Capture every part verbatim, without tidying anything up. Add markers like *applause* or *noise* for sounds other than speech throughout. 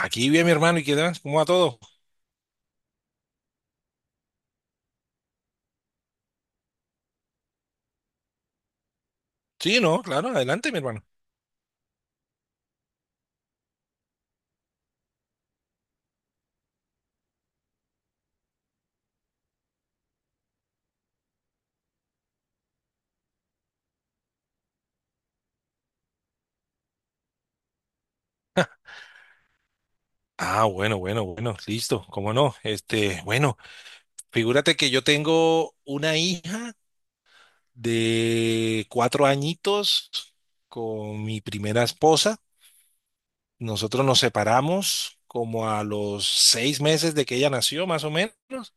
Aquí vi a mi hermano y qué tal, ¿cómo va todo? Sí, no, claro, adelante, mi hermano. Ah, bueno, bueno, bueno, listo, cómo no. Este, bueno, figúrate que yo tengo una hija de cuatro añitos con mi primera esposa. Nosotros nos separamos como a los seis meses de que ella nació, más o menos,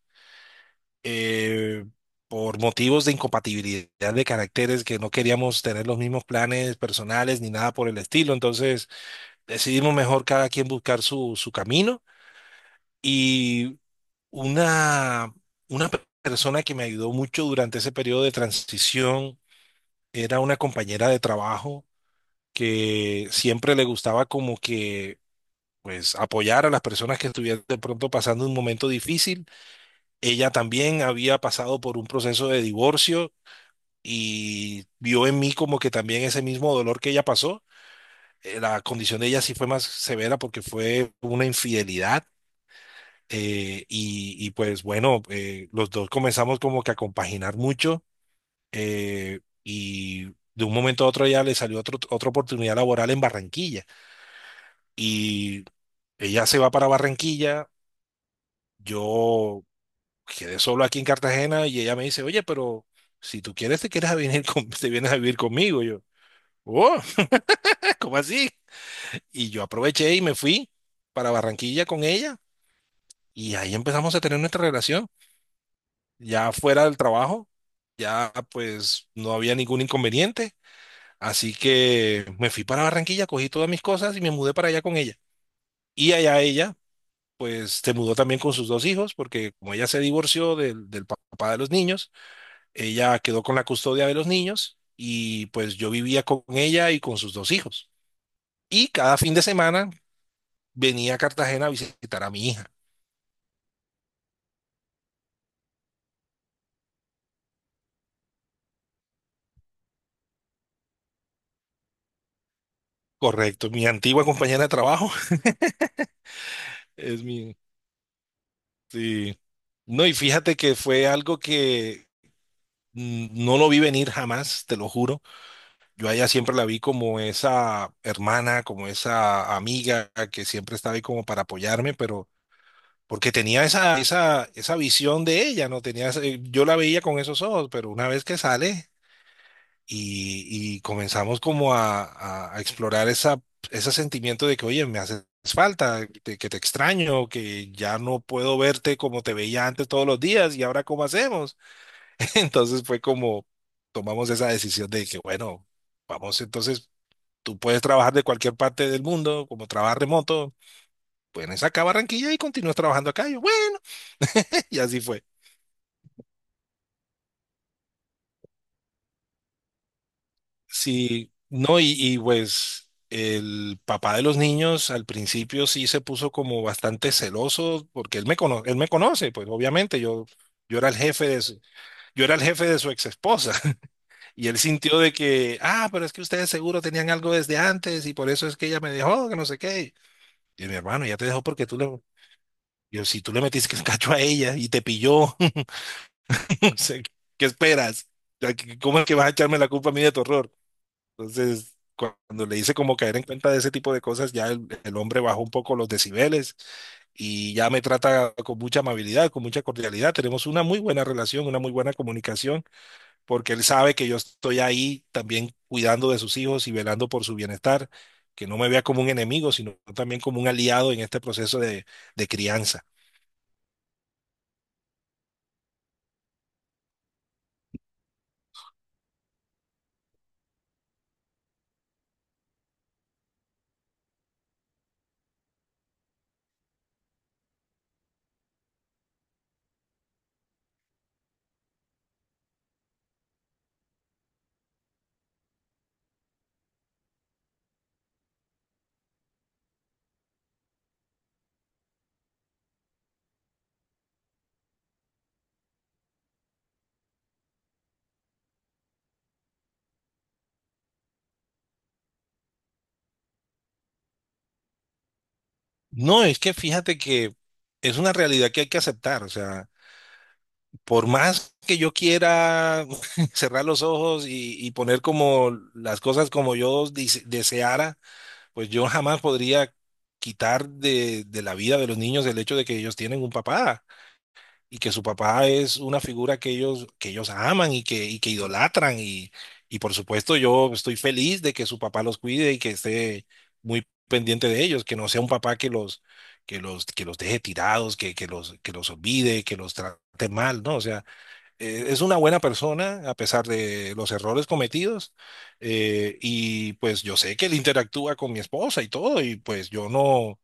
eh, por motivos de incompatibilidad de caracteres que no queríamos tener los mismos planes personales ni nada por el estilo. Entonces, decidimos mejor cada quien buscar su, su camino y una, una persona que me ayudó mucho durante ese periodo de transición era una compañera de trabajo que siempre le gustaba como que pues apoyar a las personas que estuvieran de pronto pasando un momento difícil. Ella también había pasado por un proceso de divorcio y vio en mí como que también ese mismo dolor que ella pasó. Eh, La condición de ella sí fue más severa porque fue una infidelidad. Eh, y, y, pues bueno, eh, los dos comenzamos como que a compaginar mucho, eh, y de un momento a otro ya le salió otro- otra oportunidad laboral en Barranquilla y ella se va para Barranquilla, yo quedé solo aquí en Cartagena y ella me dice, oye, pero si tú quieres te quieres a venir *laughs* con- te vienes a vivir conmigo. Yo, oh, *laughs* ¿cómo así? Y yo aproveché y me fui para Barranquilla con ella y ahí empezamos a tener nuestra relación. Ya fuera del trabajo, ya pues no había ningún inconveniente. Así que me fui para Barranquilla, cogí todas mis cosas y me mudé para allá con ella. Y allá ella, pues se mudó también con sus dos hijos, porque como ella se divorció del, del pa- papá de los niños, ella quedó con la custodia de los niños y pues yo vivía con ella y con sus dos hijos. Y cada fin de semana venía a Cartagena a visitar a mi hija. Correcto, mi antigua compañera de trabajo *laughs* es mi. Sí. No, y fíjate que fue algo que mm, no lo vi venir jamás, te lo juro. Yo a ella siempre la vi como esa hermana, como esa amiga que siempre estaba ahí como para apoyarme, pero porque tenía esa, esa, esa visión de ella, ¿no? Tenía, ese- yo la veía con esos ojos, pero una vez que sale y, y comenzamos como a, a- a explorar esa, ese sentimiento de que, oye, me haces falta, te- que te extraño, que ya no puedo verte como te veía antes todos los días y ahora cómo hacemos. *laughs* Entonces fue como tomamos esa decisión de que, bueno, vamos, entonces tú puedes trabajar de cualquier parte del mundo, como trabajas remoto, puedes acá a Barranquilla y continúas trabajando acá. Y yo, bueno, *laughs* y así fue. Sí, no, y, y pues el papá de los niños al principio sí se puso como bastante celoso porque él me cono- él me conoce, pues obviamente yo, yo era el jefe de su, yo era el jefe de su ex esposa *laughs* y él sintió de que, ah, pero es que ustedes seguro tenían algo desde antes y por eso es que ella me dejó, que no sé qué. Y mi hermano, ya te dejó porque tú le, yo, si tú le metiste el cacho a ella y te pilló. *laughs* No sé, ¿qué esperas? O sea, ¿cómo es que vas a echarme la culpa a mí de tu error? Entonces, cuando le hice como caer en cuenta de ese tipo de cosas, ya el, el hombre bajó un poco los decibeles y ya me trata con mucha amabilidad, con mucha cordialidad. Tenemos una muy buena relación, una muy buena comunicación, porque él sabe que yo estoy ahí también cuidando de sus hijos y velando por su bienestar, que no me vea como un enemigo, sino también como un aliado en este proceso de, de crianza. No, es que fíjate que es una realidad que hay que aceptar, o sea. Por más que yo quiera *laughs* cerrar los ojos y, y poner como las cosas como yo dise- deseara, pues yo jamás podría quitar de, de la vida de los niños el hecho de que ellos tienen un papá y que su papá es una figura que ellos, que ellos aman y que, y que idolatran. Y, y por supuesto yo estoy feliz de que su papá los cuide y que esté muy pendiente de ellos, que no sea un papá que los... Que los, que los deje tirados, que, que los, que los olvide, que los trate mal, ¿no? O sea, eh, es una buena persona a pesar de los errores cometidos. eh, y pues yo sé que él interactúa con mi esposa y todo y pues yo no,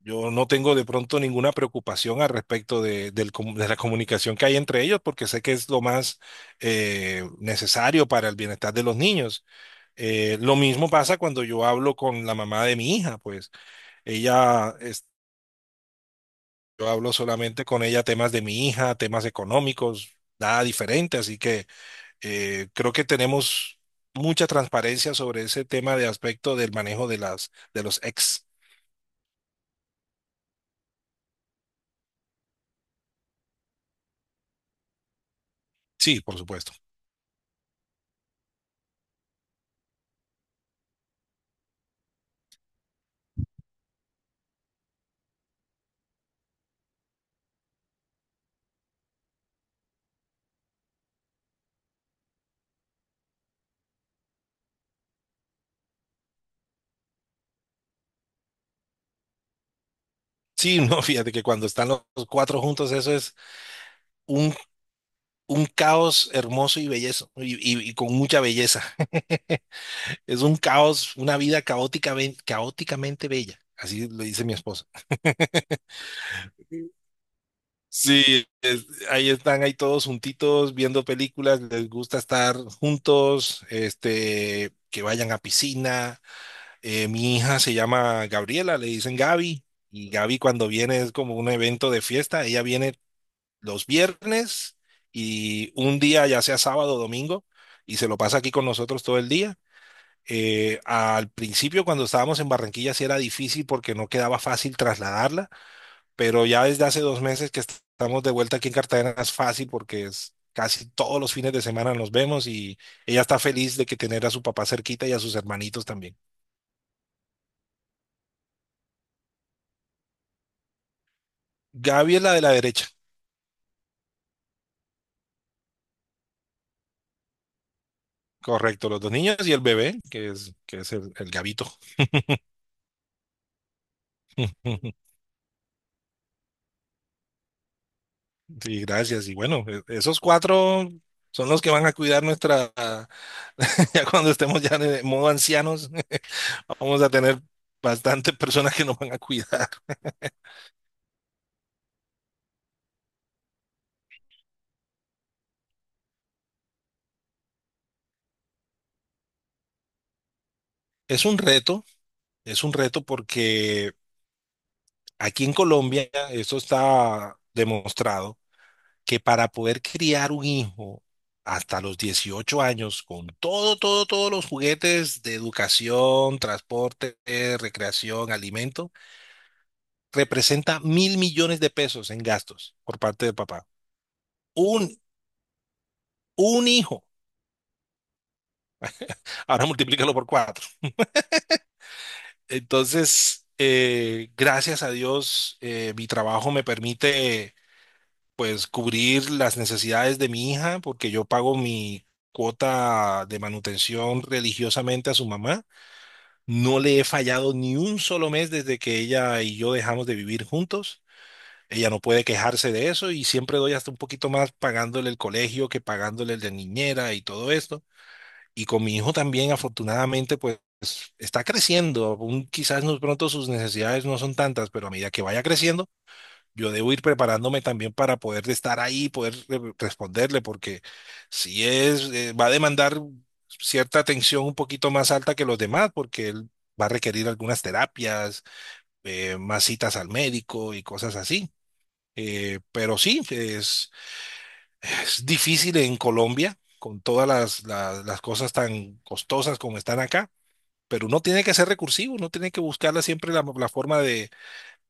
yo no tengo de pronto ninguna preocupación al respecto de, del com- de la comunicación que hay entre ellos porque sé que es lo más eh, necesario para el bienestar de los niños. Eh, lo mismo pasa cuando yo hablo con la mamá de mi hija, pues ella... es- Yo hablo solamente con ella temas de mi hija, temas económicos, nada diferente, así que eh, creo que tenemos mucha transparencia sobre ese tema de aspecto del manejo de las de los ex. Sí, por supuesto. Sí, *laughs* no, fíjate que cuando están los los cuatro juntos, eso es un, un caos hermoso y bellezo, y, y- y con mucha belleza. *laughs* Es un caos, una vida caótica, ben- caóticamente bella. Así lo dice mi esposa. Sí, es- ahí están, ahí todos juntitos, viendo películas, les gusta estar juntos, este, que vayan a piscina. Eh, mi hija se llama Gabriela, le dicen Gaby, y Gaby cuando viene es como un evento de fiesta, ella viene los viernes y un día, ya sea sábado o domingo, y se lo pasa aquí con nosotros todo el día. Eh, al principio cuando estábamos en Barranquilla sí era difícil porque no quedaba fácil trasladarla, pero ya desde hace dos meses que est- estamos de vuelta aquí en Cartagena es fácil porque es casi todos los fines de semana nos vemos y ella está feliz de que tener a su papá cerquita y a sus hermanitos también. Gaby es la de la derecha. Correcto, los dos niños y el bebé, que es, que es el, el gabito. *laughs* Sí, gracias. Y bueno, e- esos cuatro son los que van a cuidar nuestra, *laughs* ya cuando estemos ya en modo ancianos, *laughs* vamos a tener bastantes personas que nos van a cuidar. Es un reto, es un reto porque aquí en Colombia eso está demostrado que para poder criar un hijo hasta los dieciocho años con todo, todo, todos los juguetes de educación, transporte, eh, recreación, alimento, representa mil millones de pesos en gastos por parte de papá. Un, un hijo. Ahora multiplícalo por cuatro. Entonces, eh, gracias a Dios, eh, mi trabajo me permite pues cubrir las necesidades de mi hija porque yo pago mi cuota de manutención religiosamente a su mamá. No le he fallado ni un solo mes desde que ella y yo dejamos de vivir juntos. Ella no puede quejarse de eso y siempre doy hasta un poquito más pagándole el colegio que pagándole el de niñera y todo esto. Y con mi hijo también, afortunadamente, pues está creciendo. Aún quizás no pronto sus necesidades no son tantas, pero a medida que vaya creciendo, yo debo ir preparándome también para poder estar ahí, poder re- responderle, porque si es, eh, va a demandar cierta atención un poquito más alta que los demás, porque él va a requerir algunas terapias, eh, más citas al médico y cosas así. Eh, pero sí, es, es difícil en Colombia, con todas las, las, las cosas tan costosas como están acá. Pero uno tiene que ser recursivo, uno tiene que buscarla siempre la, la forma de,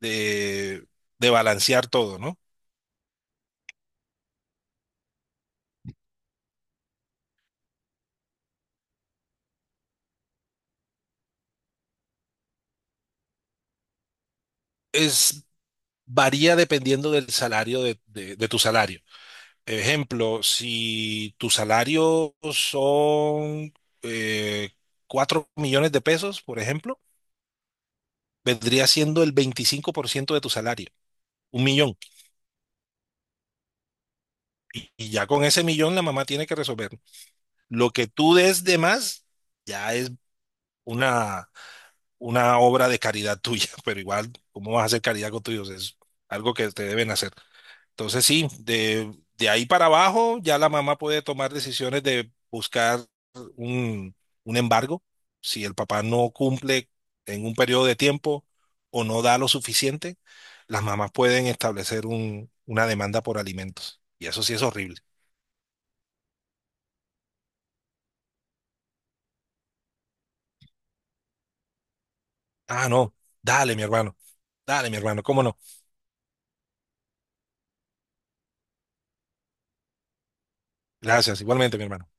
de, de balancear todo, ¿no? Es, varía dependiendo del salario de, de- de tu salario. Ejemplo, si tu salario son eh, cuatro millones de pesos, por ejemplo, vendría siendo el veinticinco por ciento de tu salario, un millón. Y ya con ese millón la mamá tiene que resolver. Lo que tú des de más ya es una, una obra de caridad tuya, *laughs* pero igual, ¿cómo vas a hacer caridad con tus hijos? Es algo que te deben hacer. Entonces sí, de, de ahí para abajo ya la mamá puede tomar decisiones de buscar un, un embargo si el papá no cumple en un periodo de tiempo o no da lo suficiente, las mamás pueden establecer un- una demanda por alimentos. Y eso sí es horrible. Ah, no, dale, mi hermano, dale, mi hermano, ¿cómo no? Gracias, igualmente, mi hermano.